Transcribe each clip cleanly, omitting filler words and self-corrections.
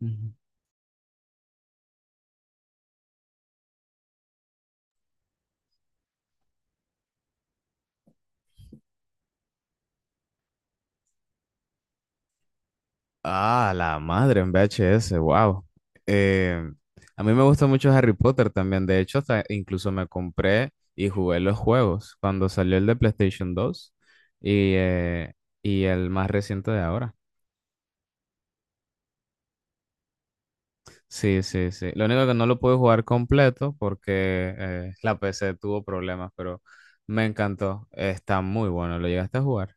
Ujú. Ah, la madre en VHS, wow. A mí me gusta mucho Harry Potter también. De hecho, hasta incluso me compré y jugué los juegos cuando salió el de PlayStation 2 y, eh, y el más reciente de ahora. Sí, sí, sí. Lo único que no lo pude jugar completo porque la PC tuvo problemas, pero me encantó. Está muy bueno. ¿Lo llegaste a jugar?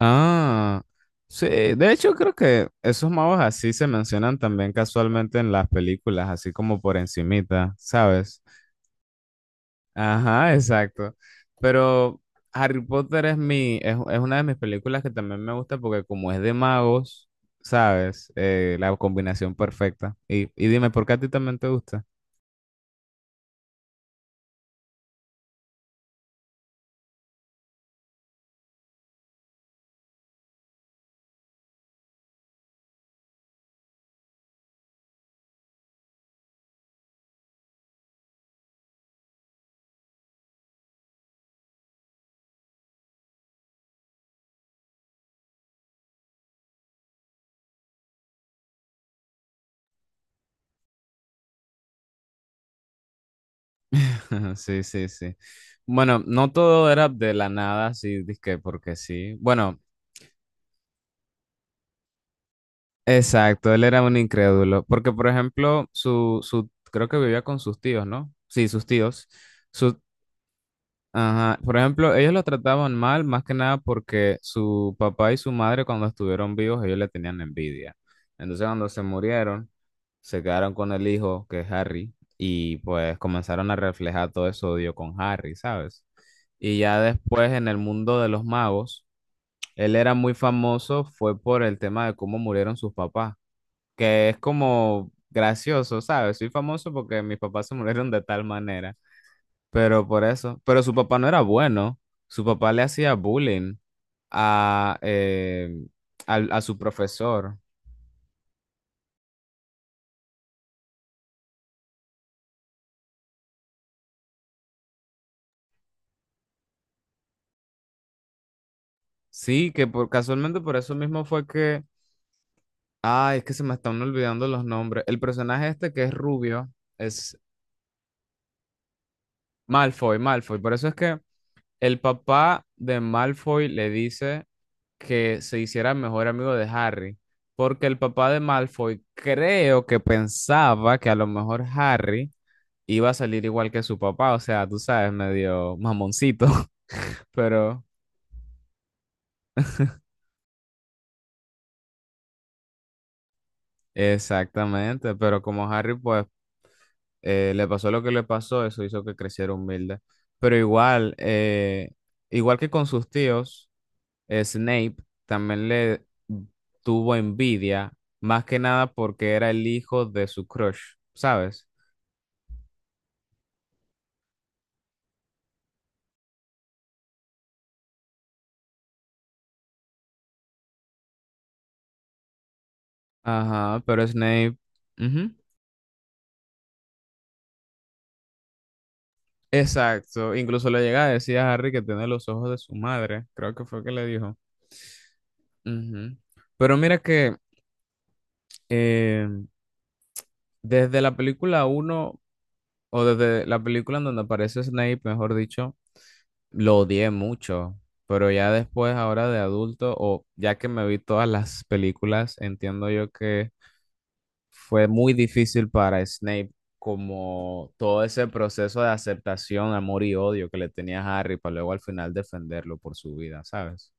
Ah, sí, de hecho creo que esos magos así se mencionan también casualmente en las películas, así como por encimita, ¿sabes? Ajá, exacto. Pero Harry Potter es una de mis películas que también me gusta porque como es de magos, ¿sabes? La combinación perfecta. Y dime, ¿por qué a ti también te gusta? Sí, sí, sí. Bueno, no todo era de la nada, sí, dizque porque sí. Bueno, exacto, él era un incrédulo, porque por ejemplo, su, creo que vivía con sus tíos, ¿no? Sí, sus tíos. Su, ajá. Por ejemplo, ellos lo trataban mal, más que nada porque su papá y su madre cuando estuvieron vivos, ellos le tenían envidia. Entonces, cuando se murieron, se quedaron con el hijo, que es Harry, y pues comenzaron a reflejar todo ese odio con Harry, ¿sabes? Y ya después en el mundo de los magos, él era muy famoso, fue por el tema de cómo murieron sus papás, que es como gracioso, ¿sabes? Soy famoso porque mis papás se murieron de tal manera, pero por eso, pero su papá no era bueno, su papá le hacía bullying a, a su profesor, sí, que por, casualmente por eso mismo fue que, ay, es que se me están olvidando los nombres, el personaje este que es rubio es Malfoy, Malfoy, por eso es que el papá de Malfoy le dice que se hiciera mejor amigo de Harry, porque el papá de Malfoy creo que pensaba que a lo mejor Harry iba a salir igual que su papá, o sea, tú sabes, medio mamoncito. Pero exactamente, pero como Harry pues le pasó lo que le pasó, eso hizo que creciera humilde, pero igual, igual que con sus tíos, Snape también le tuvo envidia, más que nada porque era el hijo de su crush, ¿sabes? Ajá, pero Snape. Ujú, exacto. Incluso le llega a decir a Harry que tiene los ojos de su madre. Creo que fue que le dijo. Ujú. Pero mira que eh, desde la película uno o desde la película en donde aparece Snape, mejor dicho, lo odié mucho. Pero ya después, ahora de adulto, o ya que me vi todas las películas, entiendo yo que fue muy difícil para Snape como todo ese proceso de aceptación, amor y odio que le tenía a Harry para luego al final defenderlo por su vida, ¿sabes?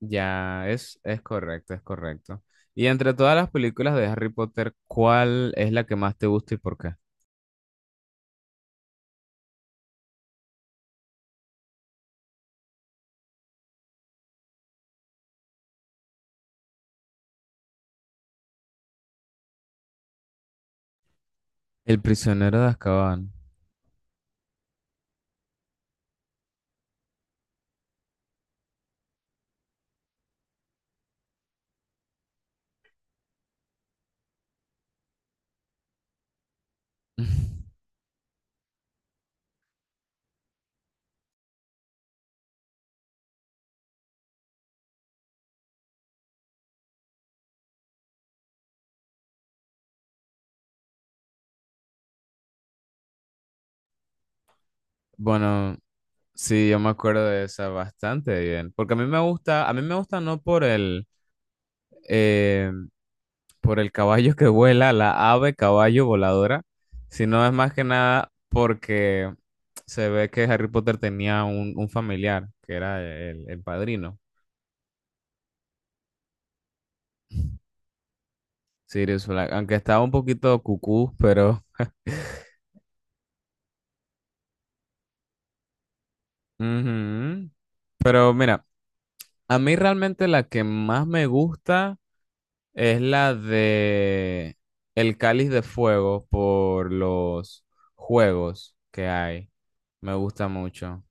Ya, es correcto, es correcto. Y entre todas las películas de Harry Potter, ¿cuál es la que más te gusta y por qué? El prisionero de Azkaban. Bueno, sí, yo me acuerdo de esa bastante bien, porque a mí me gusta, a mí me gusta no por el, eh, por el caballo que vuela, la ave caballo voladora, sino es más que nada porque se ve que Harry Potter tenía un familiar, que era el padrino, Sirius Black, aunque estaba un poquito cucú, pero... Ujú. Pero mira, a mí realmente la que más me gusta es la de El Cáliz de Fuego por los juegos que hay. Me gusta mucho.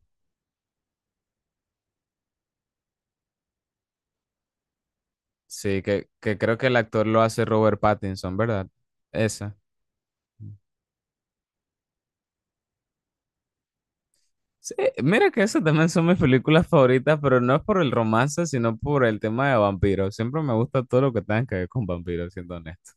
Sí, que creo que el actor lo hace Robert Pattinson, ¿verdad? Esa. Sí, mira que esas también son mis películas favoritas, pero no es por el romance, sino por el tema de vampiros. Siempre me gusta todo lo que tenga que ver con vampiros, siendo honesto.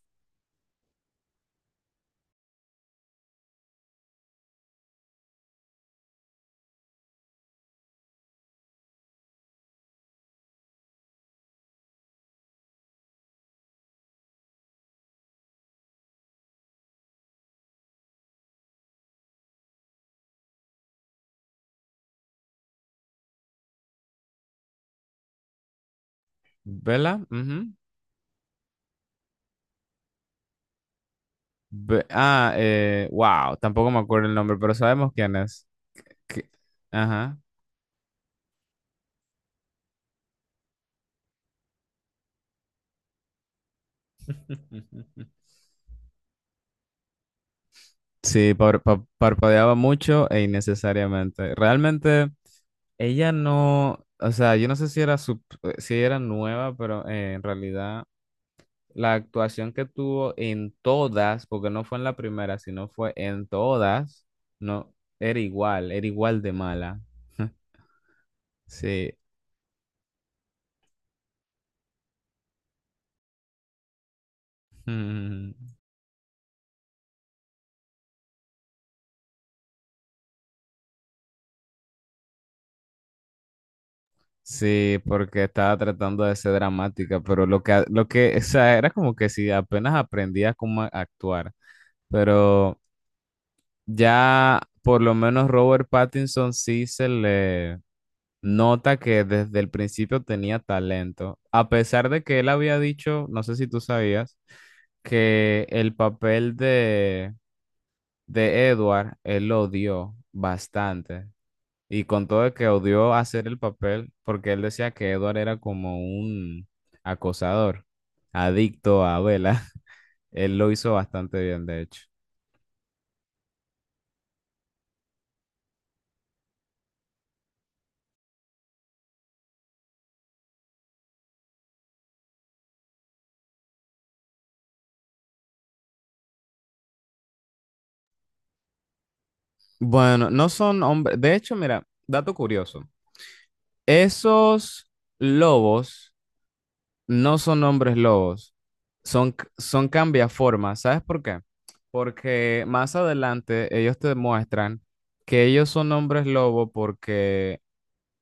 ¿Vela? Ujú. Wow, tampoco me acuerdo el nombre, pero sabemos quién es. Que- ajá. Sí, parpadeaba mucho e innecesariamente. Realmente. Ella no, o sea, yo no sé si era sub, si era nueva, pero en realidad la actuación que tuvo en todas, porque no fue en la primera, sino fue en todas, no, era igual de mala. Sí. Mm, sí, porque estaba tratando de ser dramática, pero lo que, o sea, era como que si apenas aprendía cómo actuar, pero ya por lo menos Robert Pattinson sí se le nota que desde el principio tenía talento, a pesar de que él había dicho, no sé si tú sabías, que el papel de Edward, él lo odió bastante. Y con todo de que odió hacer el papel, porque él decía que Edward era como un acosador, adicto a Bella. Él lo hizo bastante bien, de hecho. Bueno, no son hombres. De hecho, mira, dato curioso. Esos lobos no son hombres lobos, son, son cambiaformas. ¿Sabes por qué? Porque más adelante ellos te muestran que ellos son hombres lobo porque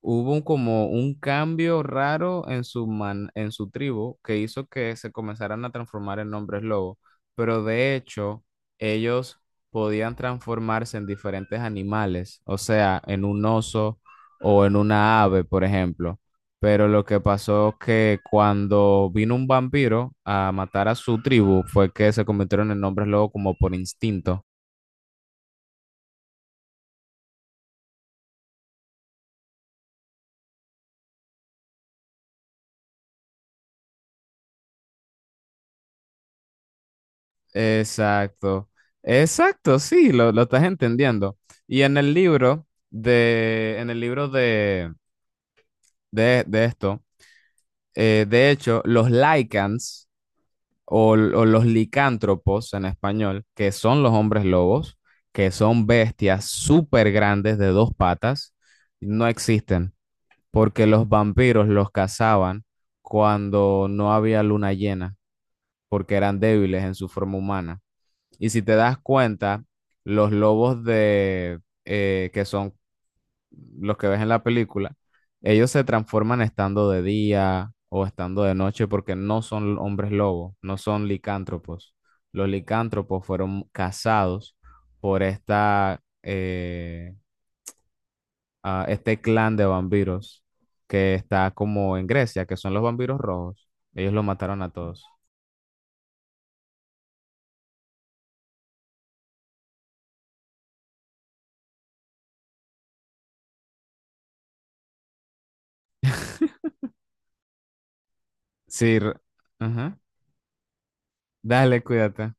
hubo un, como un cambio raro en su, en su tribu que hizo que se comenzaran a transformar en hombres lobo, pero de hecho ellos podían transformarse en diferentes animales, o sea, en un oso o en una ave, por ejemplo. Pero lo que pasó que cuando vino un vampiro a matar a su tribu fue que se convirtieron en hombres lobo como por instinto. Exacto, exacto, sí, lo estás entendiendo. Y en el libro de, en el libro de esto, de hecho, los lycans o, o los licántropos en español, que son los hombres lobos, que son bestias súper grandes de dos patas, no existen, porque los vampiros los cazaban cuando no había luna llena, porque eran débiles en su forma humana. Y si te das cuenta, los lobos de, que son los que ves en la película, ellos se transforman estando de día o estando de noche porque no son hombres lobos, no son licántropos. Los licántropos fueron cazados por esta, este clan de vampiros que está como en Grecia, que son los vampiros rojos. Ellos los mataron a todos. Sí, r- ajá. Dale, cuídate.